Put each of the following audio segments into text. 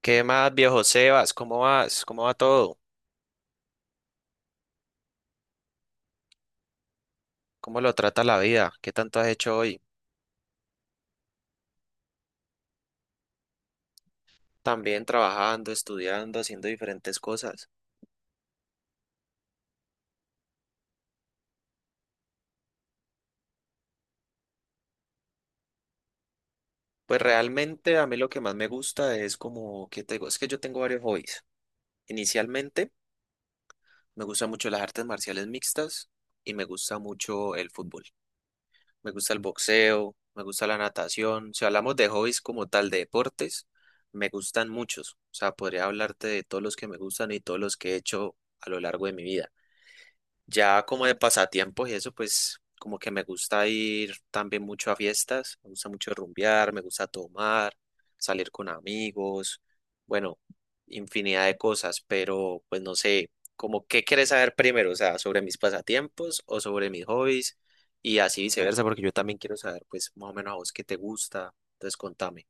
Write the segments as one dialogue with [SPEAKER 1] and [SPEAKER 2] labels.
[SPEAKER 1] ¿Qué más, viejo Sebas? ¿Cómo vas? ¿Cómo va todo? ¿Cómo lo trata la vida? ¿Qué tanto has hecho hoy? También trabajando, estudiando, haciendo diferentes cosas. Pues realmente a mí lo que más me gusta es como que te digo, es que yo tengo varios hobbies. Inicialmente me gustan mucho las artes marciales mixtas y me gusta mucho el fútbol. Me gusta el boxeo, me gusta la natación. Si hablamos de hobbies como tal, de deportes, me gustan muchos. O sea, podría hablarte de todos los que me gustan y todos los que he hecho a lo largo de mi vida. Ya como de pasatiempos y eso, pues como que me gusta ir también mucho a fiestas, me gusta mucho rumbear, me gusta tomar, salir con amigos, bueno, infinidad de cosas, pero pues no sé, como qué quieres saber primero, o sea, sobre mis pasatiempos o sobre mis hobbies y así viceversa, porque yo también quiero saber pues más o menos a vos qué te gusta, entonces contame.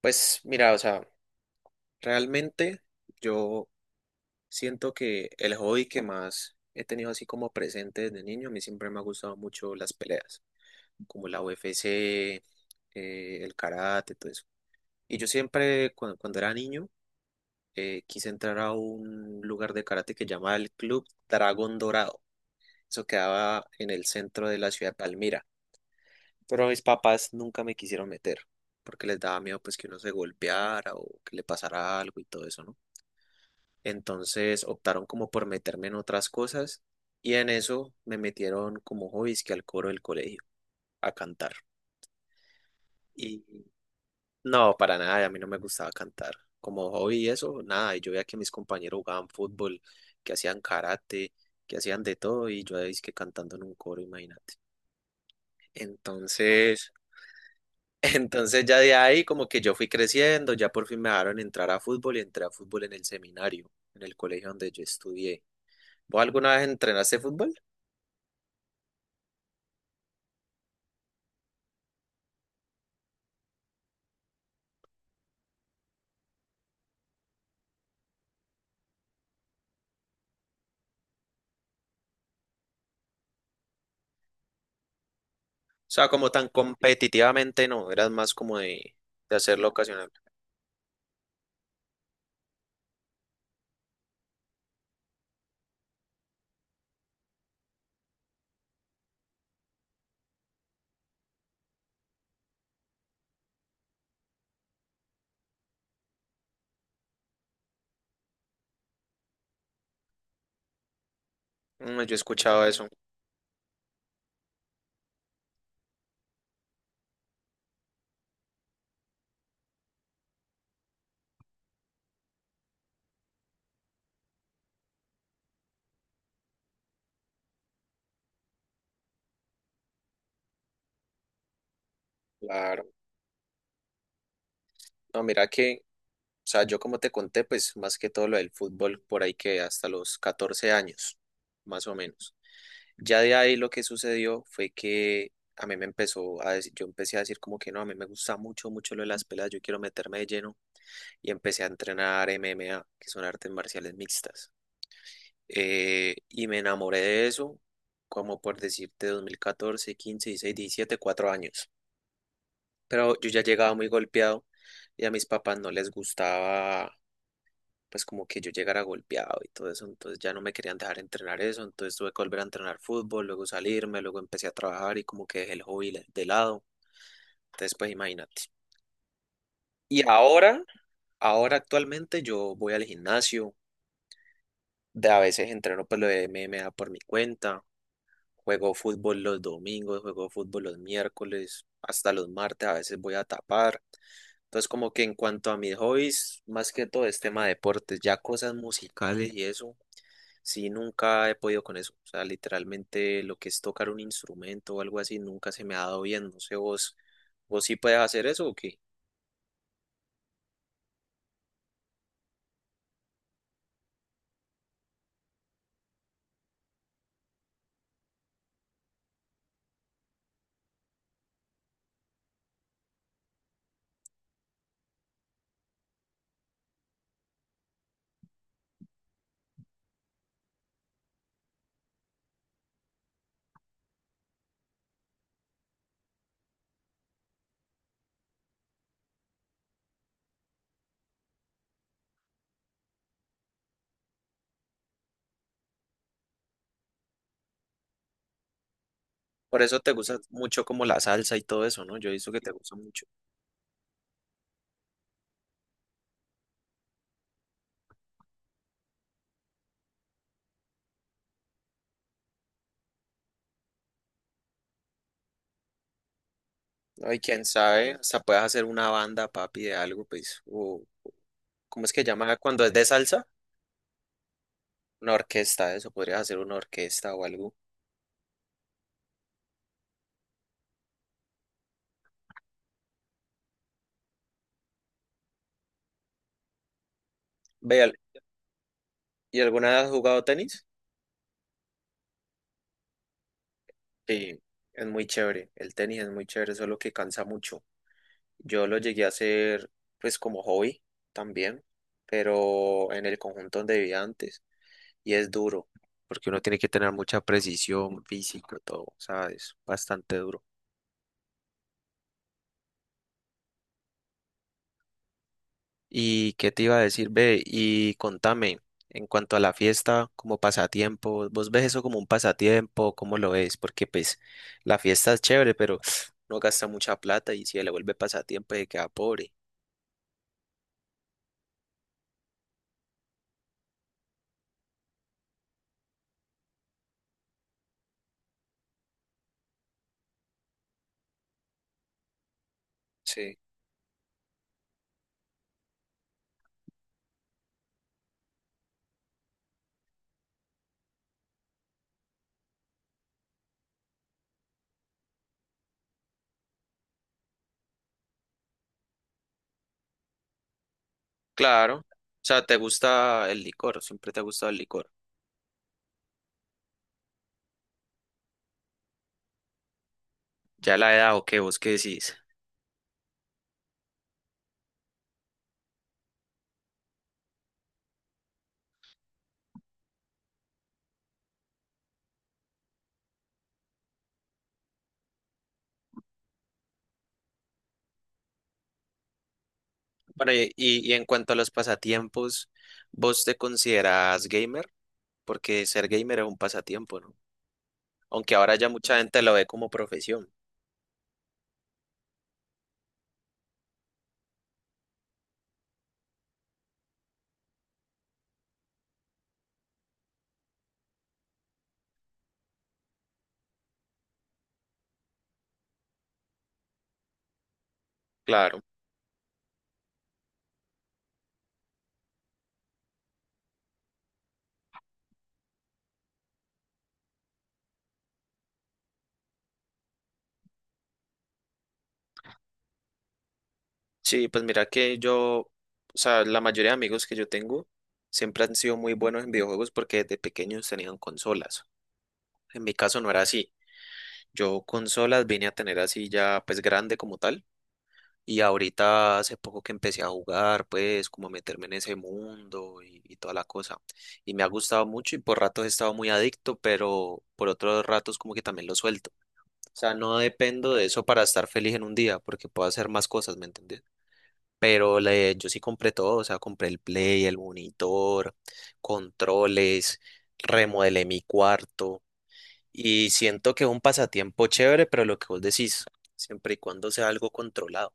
[SPEAKER 1] Pues mira, o sea, realmente yo siento que el hobby que más he tenido así como presente desde niño, a mí siempre me ha gustado mucho las peleas, como la UFC, el karate, todo eso. Y yo siempre, cuando era niño, quise entrar a un lugar de karate que llamaba el Club Dragón Dorado. Eso quedaba en el centro de la ciudad de Palmira. Pero mis papás nunca me quisieron meter, porque les daba miedo pues que uno se golpeara o que le pasara algo y todo eso, ¿no? Entonces optaron como por meterme en otras cosas y en eso me metieron como hobbies que al coro del colegio, a cantar. Y no, para nada, a mí no me gustaba cantar. Como hobby y eso, nada, y yo veía que mis compañeros jugaban fútbol, que hacían karate, que hacían de todo y yo ahí que cantando en un coro, imagínate. Entonces, entonces ya de ahí como que yo fui creciendo, ya por fin me dejaron entrar a fútbol y entré a fútbol en el seminario, en el colegio donde yo estudié. ¿Vos alguna vez entrenaste fútbol? O sea, como tan competitivamente no, eras más como de hacerlo ocasional. Mm, yo he escuchado eso. Claro. No, mira que, o sea, yo como te conté, pues más que todo lo del fútbol, por ahí que hasta los 14 años, más o menos. Ya de ahí lo que sucedió fue que a mí me empezó a decir, yo empecé a decir como que no, a mí me gusta mucho, mucho lo de las peladas, yo quiero meterme de lleno y empecé a entrenar MMA, que son artes marciales mixtas. Y me enamoré de eso, como por decirte, 2014, 15, 16, 17, cuatro años. Pero yo ya llegaba muy golpeado y a mis papás no les gustaba, pues como que yo llegara golpeado y todo eso, entonces ya no me querían dejar entrenar eso, entonces tuve que volver a entrenar fútbol, luego salirme, luego empecé a trabajar y como que dejé el hobby de lado. Entonces, pues imagínate. Y ahora actualmente yo voy al gimnasio, de a veces entreno pues lo de MMA por mi cuenta. Juego fútbol los domingos, juego fútbol los miércoles, hasta los martes, a veces voy a tapar. Entonces, como que en cuanto a mis hobbies, más que todo es tema de deportes, ya cosas musicales y eso, sí, nunca he podido con eso. O sea, literalmente lo que es tocar un instrumento o algo así, nunca se me ha dado bien. No sé, vos sí puedes hacer eso o qué. Por eso te gusta mucho como la salsa y todo eso, ¿no? Yo he visto que te gusta mucho. Ay, quién sabe, hasta puedes hacer una banda, papi, de algo, pues, o ¿cómo es que llama cuando es de salsa? Una orquesta, eso, podrías hacer una orquesta o algo. Ve, al- ¿Y alguna vez has jugado tenis? Sí, es muy chévere. El tenis es muy chévere, solo que cansa mucho. Yo lo llegué a hacer, pues, como hobby también, pero en el conjunto donde vivía antes. Y es duro, porque uno tiene que tener mucha precisión física, todo, ¿sabes? Bastante duro. ¿Y qué te iba a decir, ve? Y contame, en cuanto a la fiesta, como pasatiempo, ¿vos ves eso como un pasatiempo? ¿Cómo lo ves? Porque pues la fiesta es chévere, pero no gasta mucha plata y si le vuelve pasatiempo se queda pobre. Sí. Claro. O sea, te gusta el licor, siempre te ha gustado el licor. Ya la edad o qué, vos qué decís. Bueno, y en cuanto a los pasatiempos, ¿vos te consideras gamer? Porque ser gamer es un pasatiempo, ¿no? Aunque ahora ya mucha gente lo ve como profesión. Claro. Sí, pues mira que yo, o sea, la mayoría de amigos que yo tengo siempre han sido muy buenos en videojuegos porque desde pequeños tenían consolas. En mi caso no era así. Yo consolas vine a tener así ya pues grande como tal. Y ahorita hace poco que empecé a jugar, pues como a meterme en ese mundo y toda la cosa. Y me ha gustado mucho y por ratos he estado muy adicto, pero por otros ratos como que también lo suelto. O sea, no dependo de eso para estar feliz en un día porque puedo hacer más cosas, ¿me entendés? Pero yo sí compré todo, o sea, compré el play, el monitor, controles, remodelé mi cuarto y siento que es un pasatiempo chévere, pero lo que vos decís, siempre y cuando sea algo controlado,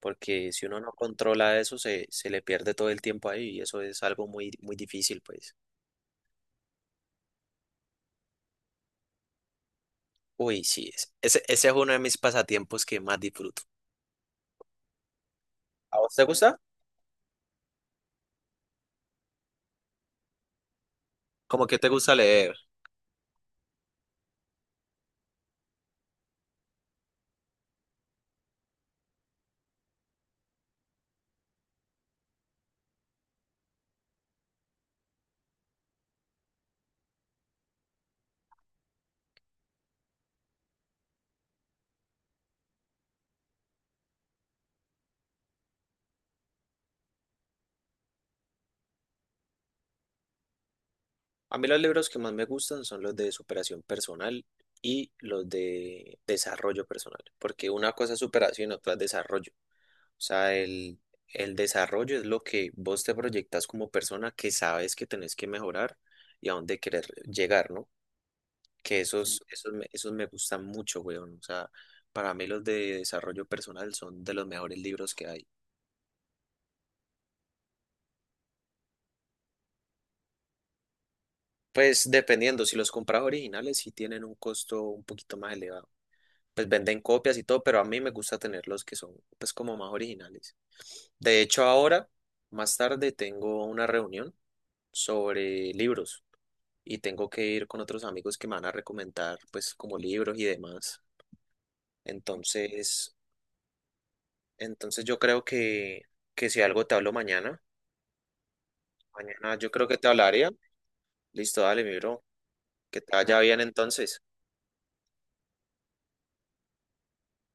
[SPEAKER 1] porque si uno no controla eso, se le pierde todo el tiempo ahí y eso es algo muy, muy difícil, pues. Uy, sí, ese es uno de mis pasatiempos que más disfruto. ¿A vos te gusta? ¿Cómo que te gusta leer? A mí los libros que más me gustan son los de superación personal y los de desarrollo personal, porque una cosa es superación y otra es desarrollo. O sea, el desarrollo es lo que vos te proyectas como persona que sabes que tenés que mejorar y a dónde querer llegar, ¿no? Que esos me gustan mucho, weón. O sea, para mí los de desarrollo personal son de los mejores libros que hay. Pues dependiendo, si los compras originales sí tienen un costo un poquito más elevado. Pues venden copias y todo, pero a mí me gusta tener los que son pues como más originales. De hecho, ahora, más tarde, tengo una reunión sobre libros y tengo que ir con otros amigos que me van a recomendar pues como libros y demás. Entonces, entonces yo creo que, si algo te hablo mañana, mañana yo creo que te hablaría. Listo, dale, mi bro, que te vaya bien entonces.